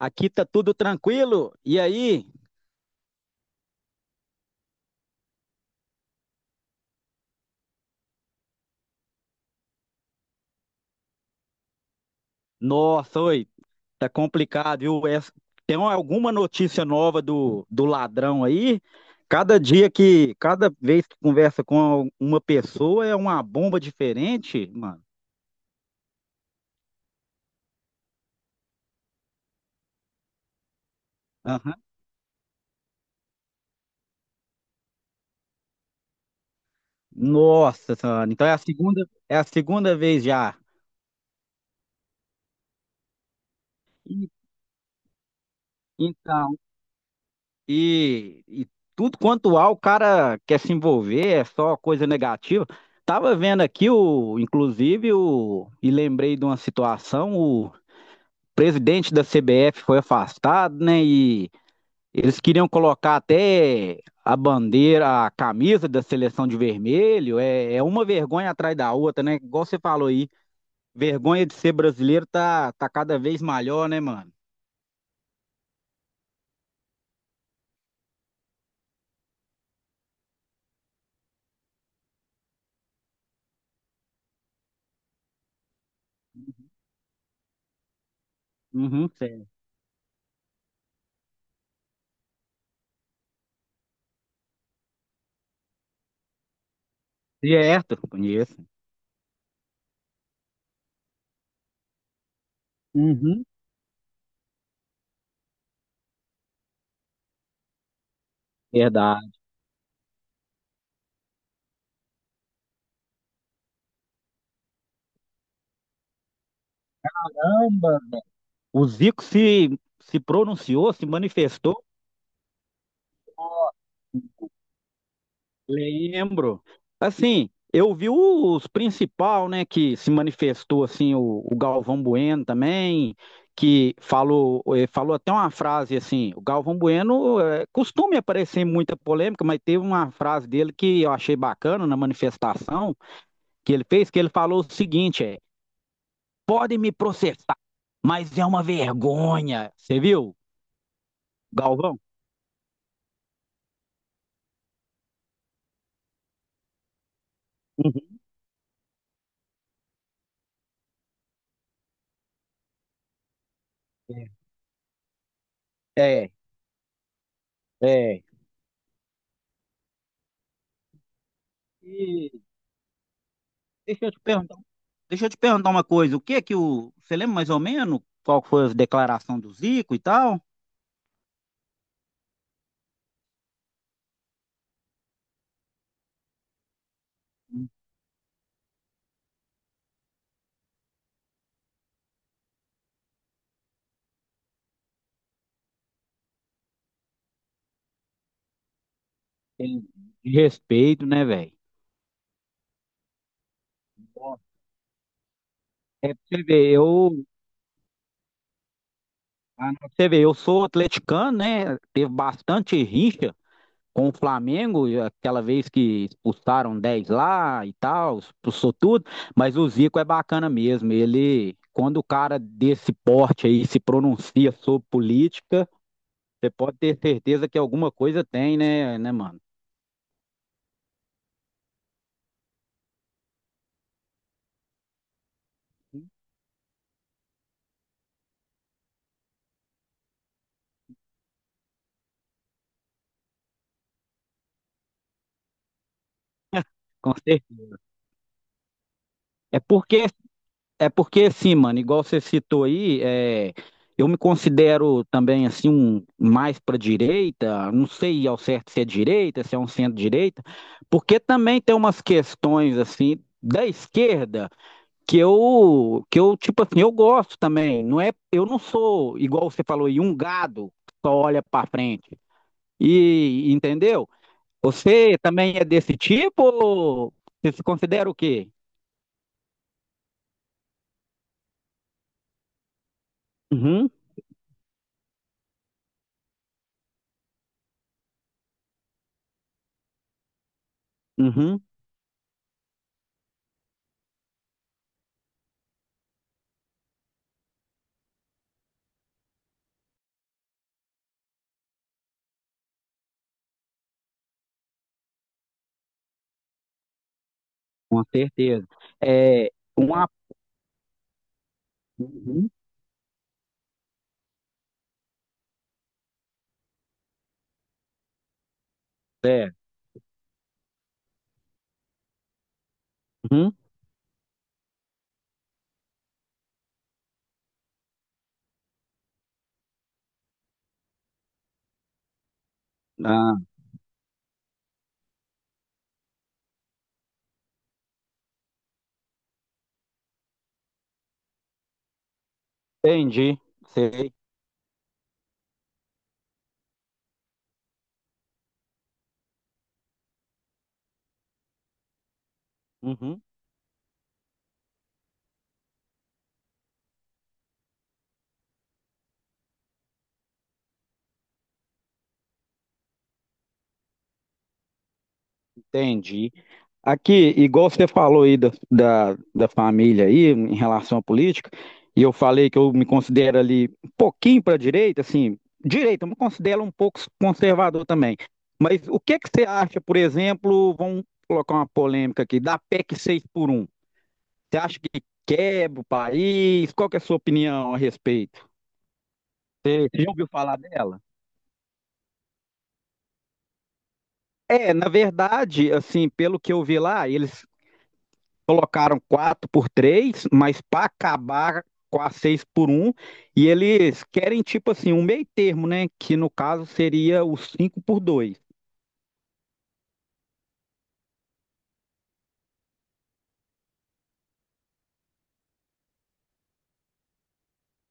Aqui tá tudo tranquilo. E aí? Nossa, oi, tá complicado, viu? Tem alguma notícia nova do ladrão aí? Cada vez que conversa com uma pessoa é uma bomba diferente, mano. Aham. Nossa, senhora. Então é a segunda vez já. E- Então. E tudo quanto há, o cara quer se envolver, é só coisa negativa. Tava vendo aqui o, inclusive o, e lembrei de uma situação, o presidente da CBF foi afastado, né? E eles queriam colocar até a bandeira, a camisa da seleção de vermelho. É uma vergonha atrás da outra, né? Igual você falou aí, vergonha de ser brasileiro tá cada vez maior, né, mano? Uhum, certo. Certo, conheço. Uhum, verdade. O Zico se pronunciou, se manifestou. Lembro. Assim, eu vi os principal, né, que se manifestou, assim, o Galvão Bueno também, que falou, falou até uma frase assim, o Galvão Bueno costuma aparecer em muita polêmica, mas teve uma frase dele que eu achei bacana na manifestação que ele fez, que ele falou o seguinte, é, podem me processar, mas é uma vergonha. Você viu, Galvão? Uhum. É, é. E deixa eu te perguntar, deixa eu te perguntar uma coisa. O que é que o. Você lembra mais ou menos qual foi a declaração do Zico e tal? Tem de respeito, né, velho? É pra você ver, eu, Ah, não, pra você ver, eu sou atleticano, né? Teve bastante rincha com o Flamengo, e aquela vez que expulsaram 10 lá e tal, expulsou tudo, mas o Zico é bacana mesmo. Ele, quando o cara desse porte aí se pronuncia sobre política, você pode ter certeza que alguma coisa tem, né, mano? Com certeza. É porque, é porque assim, mano, igual você citou aí, é, eu me considero também assim um mais para direita, não sei ao certo se é direita, se é um centro-direita, porque também tem umas questões assim da esquerda que eu tipo assim, eu gosto também, não é, eu não sou igual você falou aí um gado que só olha para frente. E entendeu? Você também é desse tipo ou você se considera o quê? Uhum, uhum, com certeza. É, uma... Uhum, é, uhum, ah, entendi, sei. Uhum, entendi. Aqui, igual você falou aí da família aí, em relação à política, e eu falei que eu me considero ali um pouquinho para a direita, assim, direita, eu me considero um pouco conservador também. Mas o que que você acha, por exemplo, vamos colocar uma polêmica aqui, da PEC 6 por um? Você acha que quebra o país? Qual que é a sua opinião a respeito? Você já ouviu falar dela? É, na verdade, assim, pelo que eu vi lá, eles colocaram 4 por 3, mas para acabar com a 6 por um e eles querem tipo assim, um meio termo, né? Que no caso seria o 5 por 2.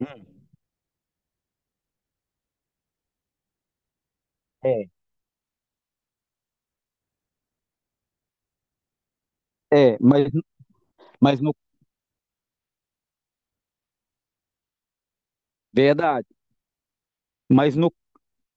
Hum, É, é, mas, mas no, verdade, mas no,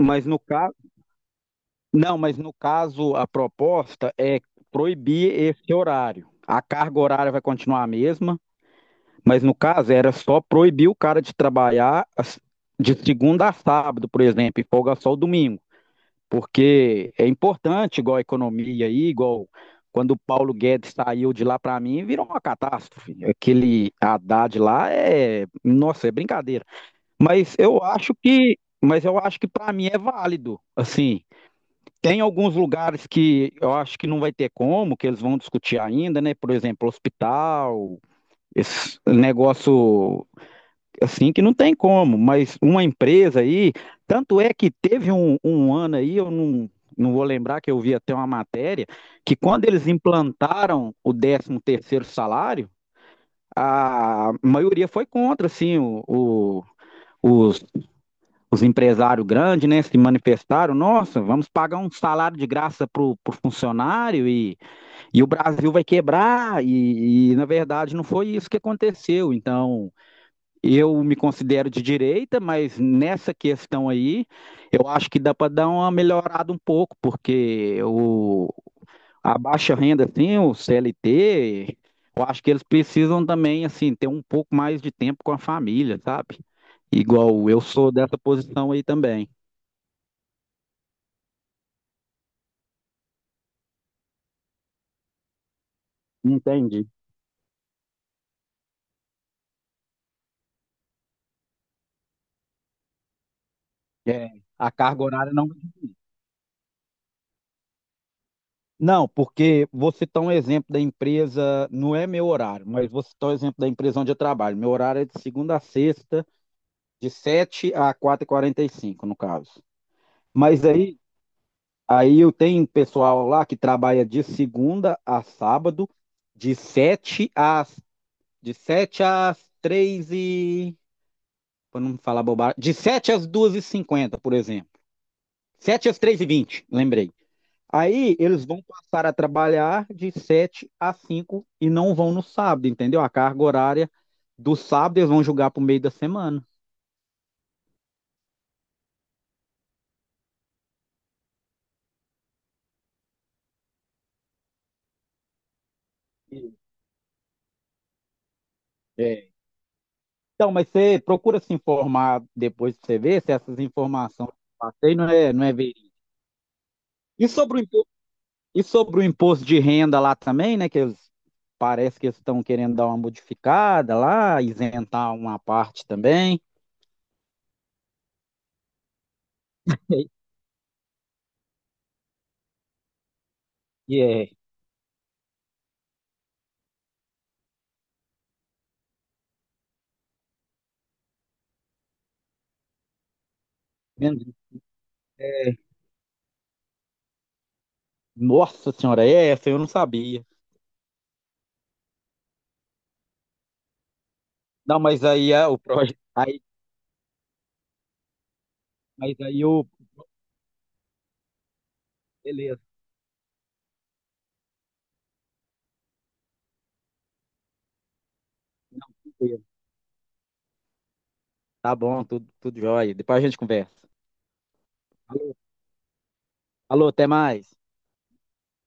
mas no caso, não, mas no caso a proposta é proibir esse horário. A carga horária vai continuar a mesma, mas no caso era só proibir o cara de trabalhar de segunda a sábado, por exemplo, e folga só o domingo. Porque é importante, igual a economia aí, igual quando o Paulo Guedes saiu de lá para mim, virou uma catástrofe. Aquele Haddad lá é, nossa, é brincadeira. Mas eu acho que, mas eu acho que para mim é válido. Assim, tem alguns lugares que eu acho que não vai ter como, que eles vão discutir ainda, né? Por exemplo, hospital, esse negócio assim que não tem como, mas uma empresa aí, tanto é que teve um ano aí, eu não vou lembrar que eu vi até uma matéria, que quando eles implantaram o décimo terceiro salário, a maioria foi contra, assim, os, os empresários grandes, né, se manifestaram, nossa, vamos pagar um salário de graça pro funcionário e o Brasil vai quebrar, e na verdade não foi isso que aconteceu, então... Eu me considero de direita, mas nessa questão aí, eu acho que dá para dar uma melhorada um pouco, porque o, a baixa renda, assim, o CLT, eu acho que eles precisam também, assim, ter um pouco mais de tempo com a família, sabe? Igual eu sou dessa posição aí também. Entendi. É, a carga horária não. Não, porque vou citar um exemplo da empresa, não é meu horário, mas vou citar o exemplo da empresa onde eu trabalho. Meu horário é de segunda a sexta, de 7 a 4h45 no caso. Mas aí, Aí eu tenho pessoal lá que trabalha de segunda a sábado, de 7 às, de 7 às 3 e. Para não falar bobagem. De 7 às 2h50 por exemplo. Sete às 3h20 lembrei. Aí eles vão passar a trabalhar de 7 a 5 e não vão no sábado, entendeu? A carga horária do sábado eles vão jogar para o meio da semana. É, então, mas você procura se informar depois pra você ver se essas informações que eu passei não é verídica. E sobre o imposto, e sobre o imposto de renda lá também, né? Que eles, parece que eles estão querendo dar uma modificada lá, isentar uma parte também. E é, menos- Nossa senhora, é essa eu não sabia. Não, mas aí é o projeto. Aí, mas aí o. Beleza, beleza. Tá bom, tudo, tudo jóia. Depois a gente conversa. Alô, alô, até mais.